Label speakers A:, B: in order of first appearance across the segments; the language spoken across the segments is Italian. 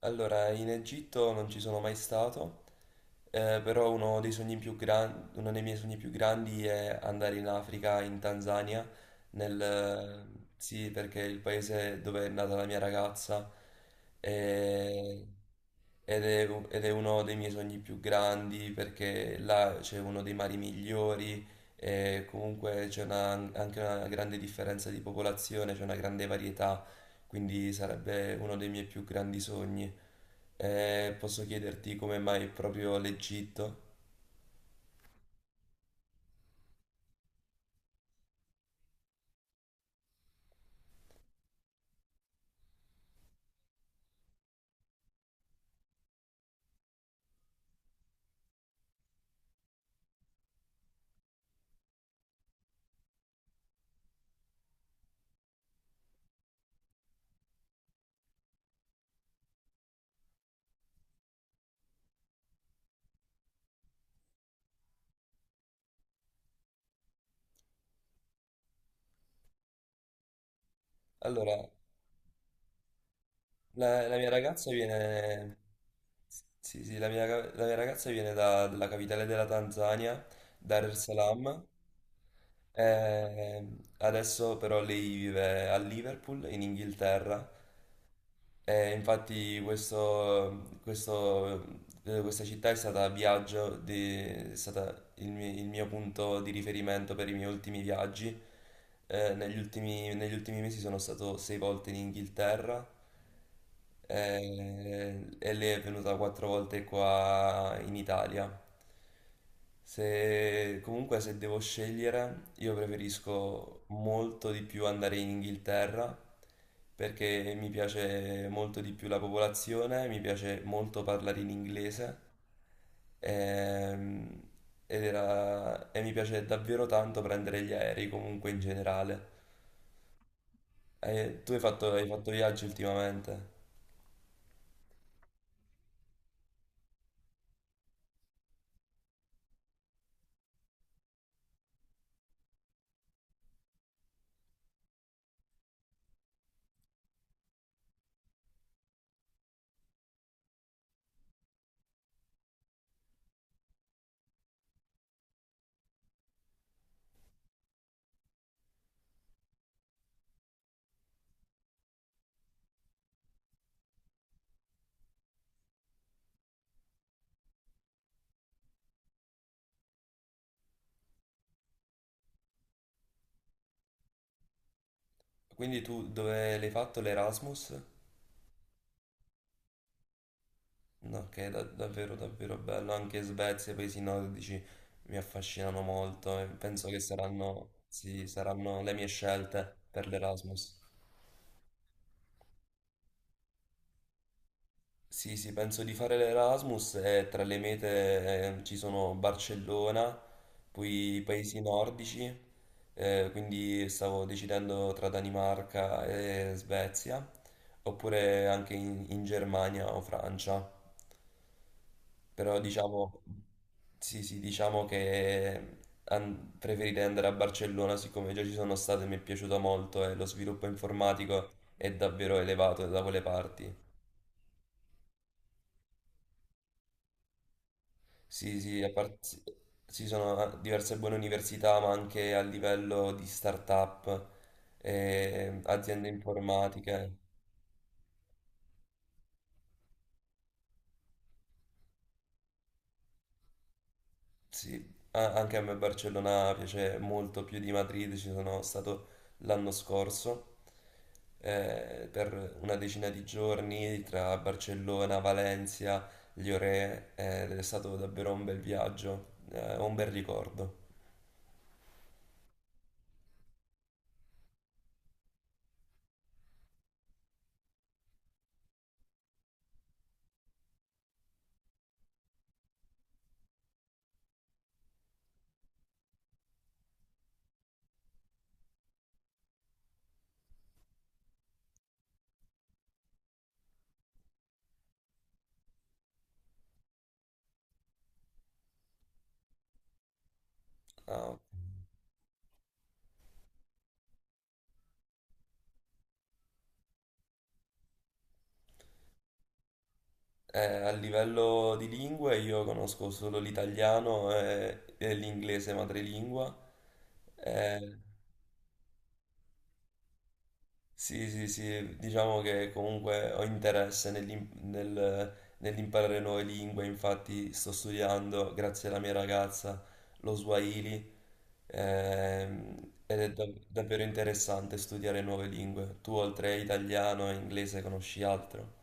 A: Allora, in Egitto non ci sono mai stato, però uno dei miei sogni più grandi è andare in Africa, in Tanzania, nel... sì, perché è il paese dove è nata la mia ragazza e- ed è uno dei miei sogni più grandi perché là c'è uno dei mari migliori e comunque anche una grande differenza di popolazione, c'è una grande varietà, quindi sarebbe uno dei miei più grandi sogni. Posso chiederti come mai proprio l'Egitto? Allora, la mia ragazza viene... Sì, sì, la mia ragazza viene dalla capitale della Tanzania, Dar es Salaam. Eh, Adesso però lei vive a Liverpool, in Inghilterra. E infatti questa città è stata il mio punto di riferimento per i miei ultimi viaggi. Negli ultimi mesi sono stato 6 volte in Inghilterra, e lei è venuta 4 volte qua in Italia. Se, comunque se devo scegliere, io preferisco molto di più andare in Inghilterra perché mi piace molto di più la popolazione, mi piace molto parlare in inglese, ehm, e mi piace davvero tanto prendere gli aerei comunque in generale. Hai fatto viaggi ultimamente, quindi tu dove l'hai fatto l'Erasmus? No, che è davvero davvero bello, anche Svezia e paesi nordici mi affascinano molto e penso che saranno, sì, saranno le mie scelte per l'Erasmus. Sì, sì, penso di fare l'Erasmus e tra le mete ci sono Barcellona, poi i paesi nordici, quindi stavo decidendo tra Danimarca e Svezia, oppure anche in Germania o Francia. Però diciamo, sì, sì, diciamo che preferirei andare a Barcellona siccome già ci sono stato e mi è piaciuta molto, e lo sviluppo informatico è davvero elevato da quelle parti. Sì, sì, sì, ci sono ah, diverse buone università, ma anche a livello di start-up, aziende informatiche. Sì, anche a me Barcellona piace molto più di Madrid, ci sono stato l'anno scorso, per una decina di giorni tra Barcellona, Valencia, Lloret, ed è stato davvero un bel viaggio, un bel ricordo. Ah, a livello di lingue io conosco solo l'italiano e l'inglese madrelingua. eh, Sì, sì, sì, diciamo che comunque ho interesse nell'imparare nuove lingue, infatti sto studiando, grazie alla mia ragazza, lo Swahili, ed è davvero interessante studiare nuove lingue. Tu oltre a italiano e inglese conosci altro?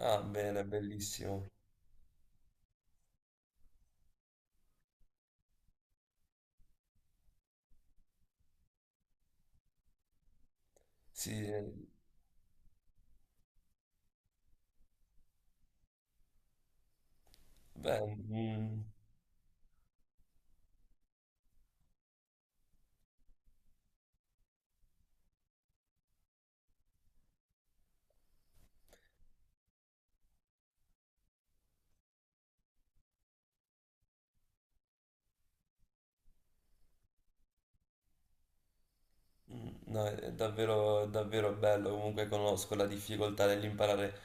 A: Ah, bene, bellissimo. Sì, beh, mm, mm, no, è davvero, davvero bello, comunque conosco la difficoltà dell'imparare,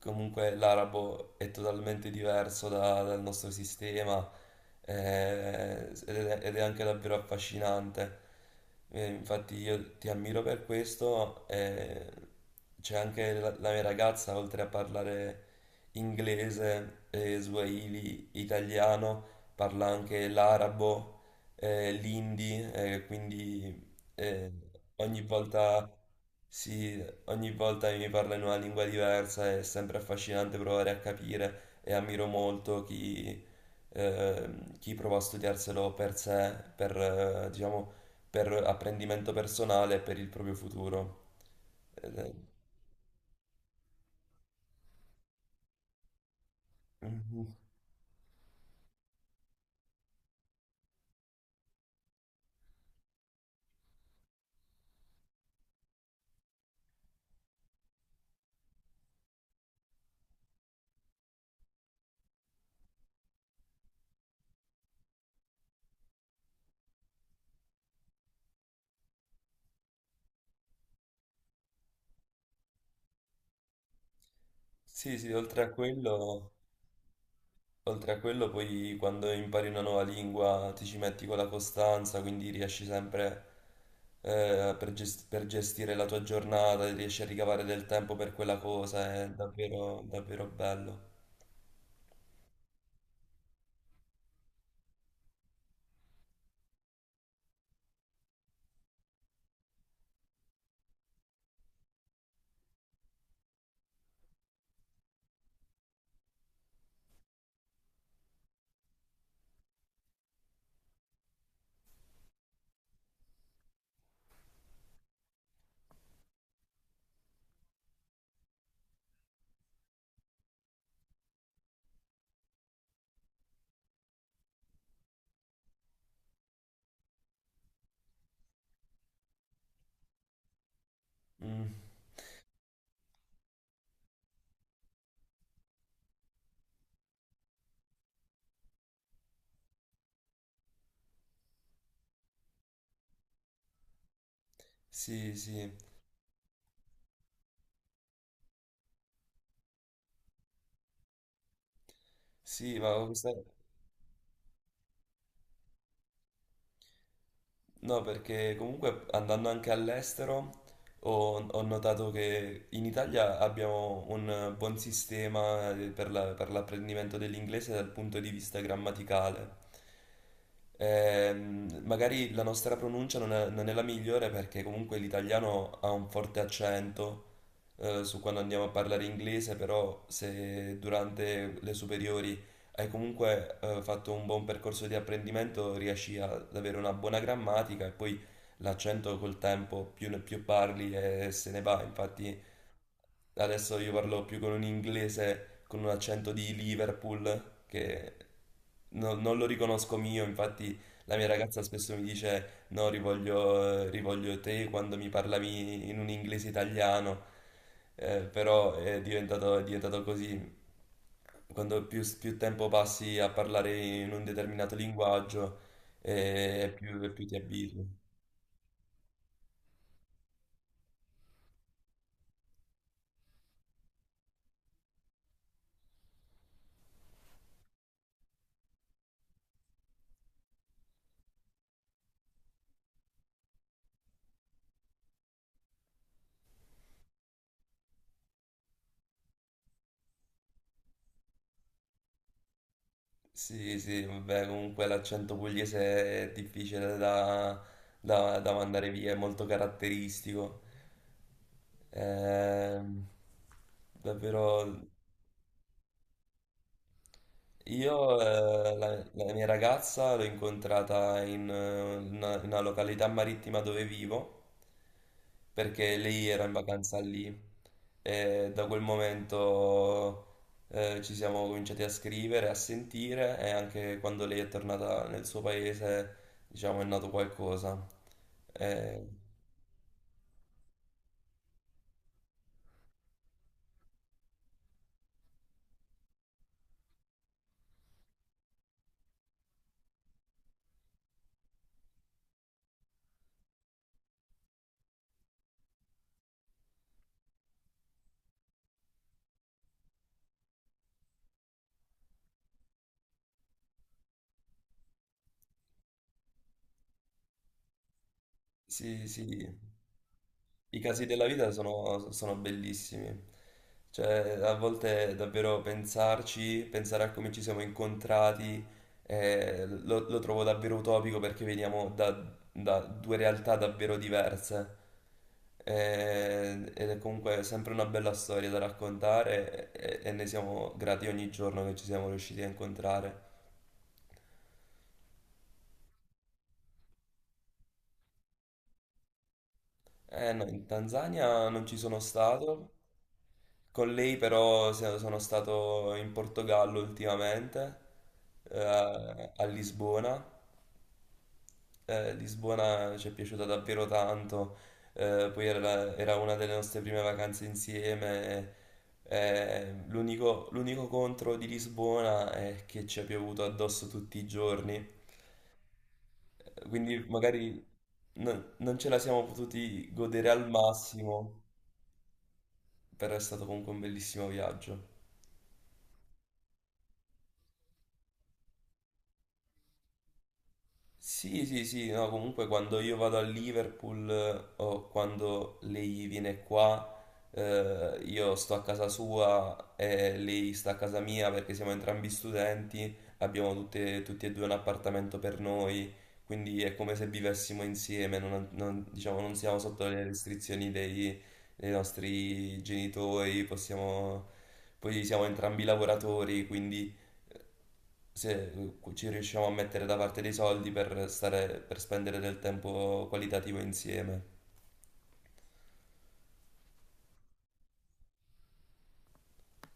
A: comunque l'arabo è totalmente diverso dal nostro sistema, ed è anche davvero affascinante. Infatti io ti ammiro per questo, c'è anche la mia ragazza, oltre a parlare inglese, swahili, italiano, parla anche l'arabo, quindi e ogni volta, si, ogni volta mi parla in una lingua diversa, è sempre affascinante provare a capire e ammiro molto chi, chi prova a studiarselo per sé, per, diciamo, per apprendimento personale e per il proprio futuro. Ed è- Mhm. Sì, sì, oltre a quello... Oltre a quello, poi quando impari una nuova lingua ti ci metti con la costanza, quindi riesci sempre, per gestire la tua giornata, riesci a ricavare del tempo per quella cosa, è davvero, davvero bello. Mm, sì, sì, sì, ma questa... No, perché comunque andando anche all'estero ho notato che in Italia abbiamo un buon sistema per l'apprendimento dell'inglese dal punto di vista grammaticale. Magari la nostra pronuncia non è la migliore perché comunque l'italiano ha un forte accento, su quando andiamo a parlare inglese, però se durante le superiori hai comunque fatto un buon percorso di apprendimento, riesci ad avere una buona grammatica e poi l'accento col tempo più parli e se ne va. Infatti adesso io parlo più con un inglese con un accento di Liverpool che non lo riconosco mio, infatti la mia ragazza spesso mi dice no, rivoglio te quando mi parlavi in un inglese italiano. Però è diventato così. Quando più tempo passi a parlare in un determinato linguaggio, più ti abitui. Sì, sì, vabbè, comunque l'accento pugliese è difficile da, da mandare via, è molto caratteristico. Ehm, davvero. Io la mia ragazza l'ho incontrata in in una località marittima dove vivo, perché lei era in vacanza lì e da quel momento ci siamo cominciati a scrivere, a sentire, e anche quando lei è tornata nel suo paese, diciamo, è nato qualcosa. Eh, sì, sì, i casi della vita sono bellissimi, cioè a volte davvero pensarci, pensare a come ci siamo incontrati, lo trovo davvero utopico perché veniamo da due realtà davvero diverse. Ed è comunque sempre una bella storia da raccontare, e ne siamo grati ogni giorno che ci siamo riusciti a incontrare. Eh no, in Tanzania non ci sono stato. Con lei però sono stato in Portogallo ultimamente, a Lisbona. Lisbona ci è piaciuta davvero tanto, era una delle nostre prime vacanze insieme. L'unico contro di Lisbona è che ci ha piovuto addosso tutti i giorni, quindi magari non ce la siamo potuti godere al massimo, però è stato comunque un bellissimo viaggio. Sì, sì, sì, no, comunque quando io vado a Liverpool, o quando lei viene qua, io sto a casa sua e lei sta a casa mia perché siamo entrambi studenti, abbiamo tutti e due un appartamento per noi, quindi è come se vivessimo insieme, diciamo, non siamo sotto le restrizioni dei, dei nostri genitori, possiamo, poi siamo entrambi lavoratori, quindi se ci riusciamo a mettere da parte dei soldi per stare, per spendere del tempo qualitativo insieme.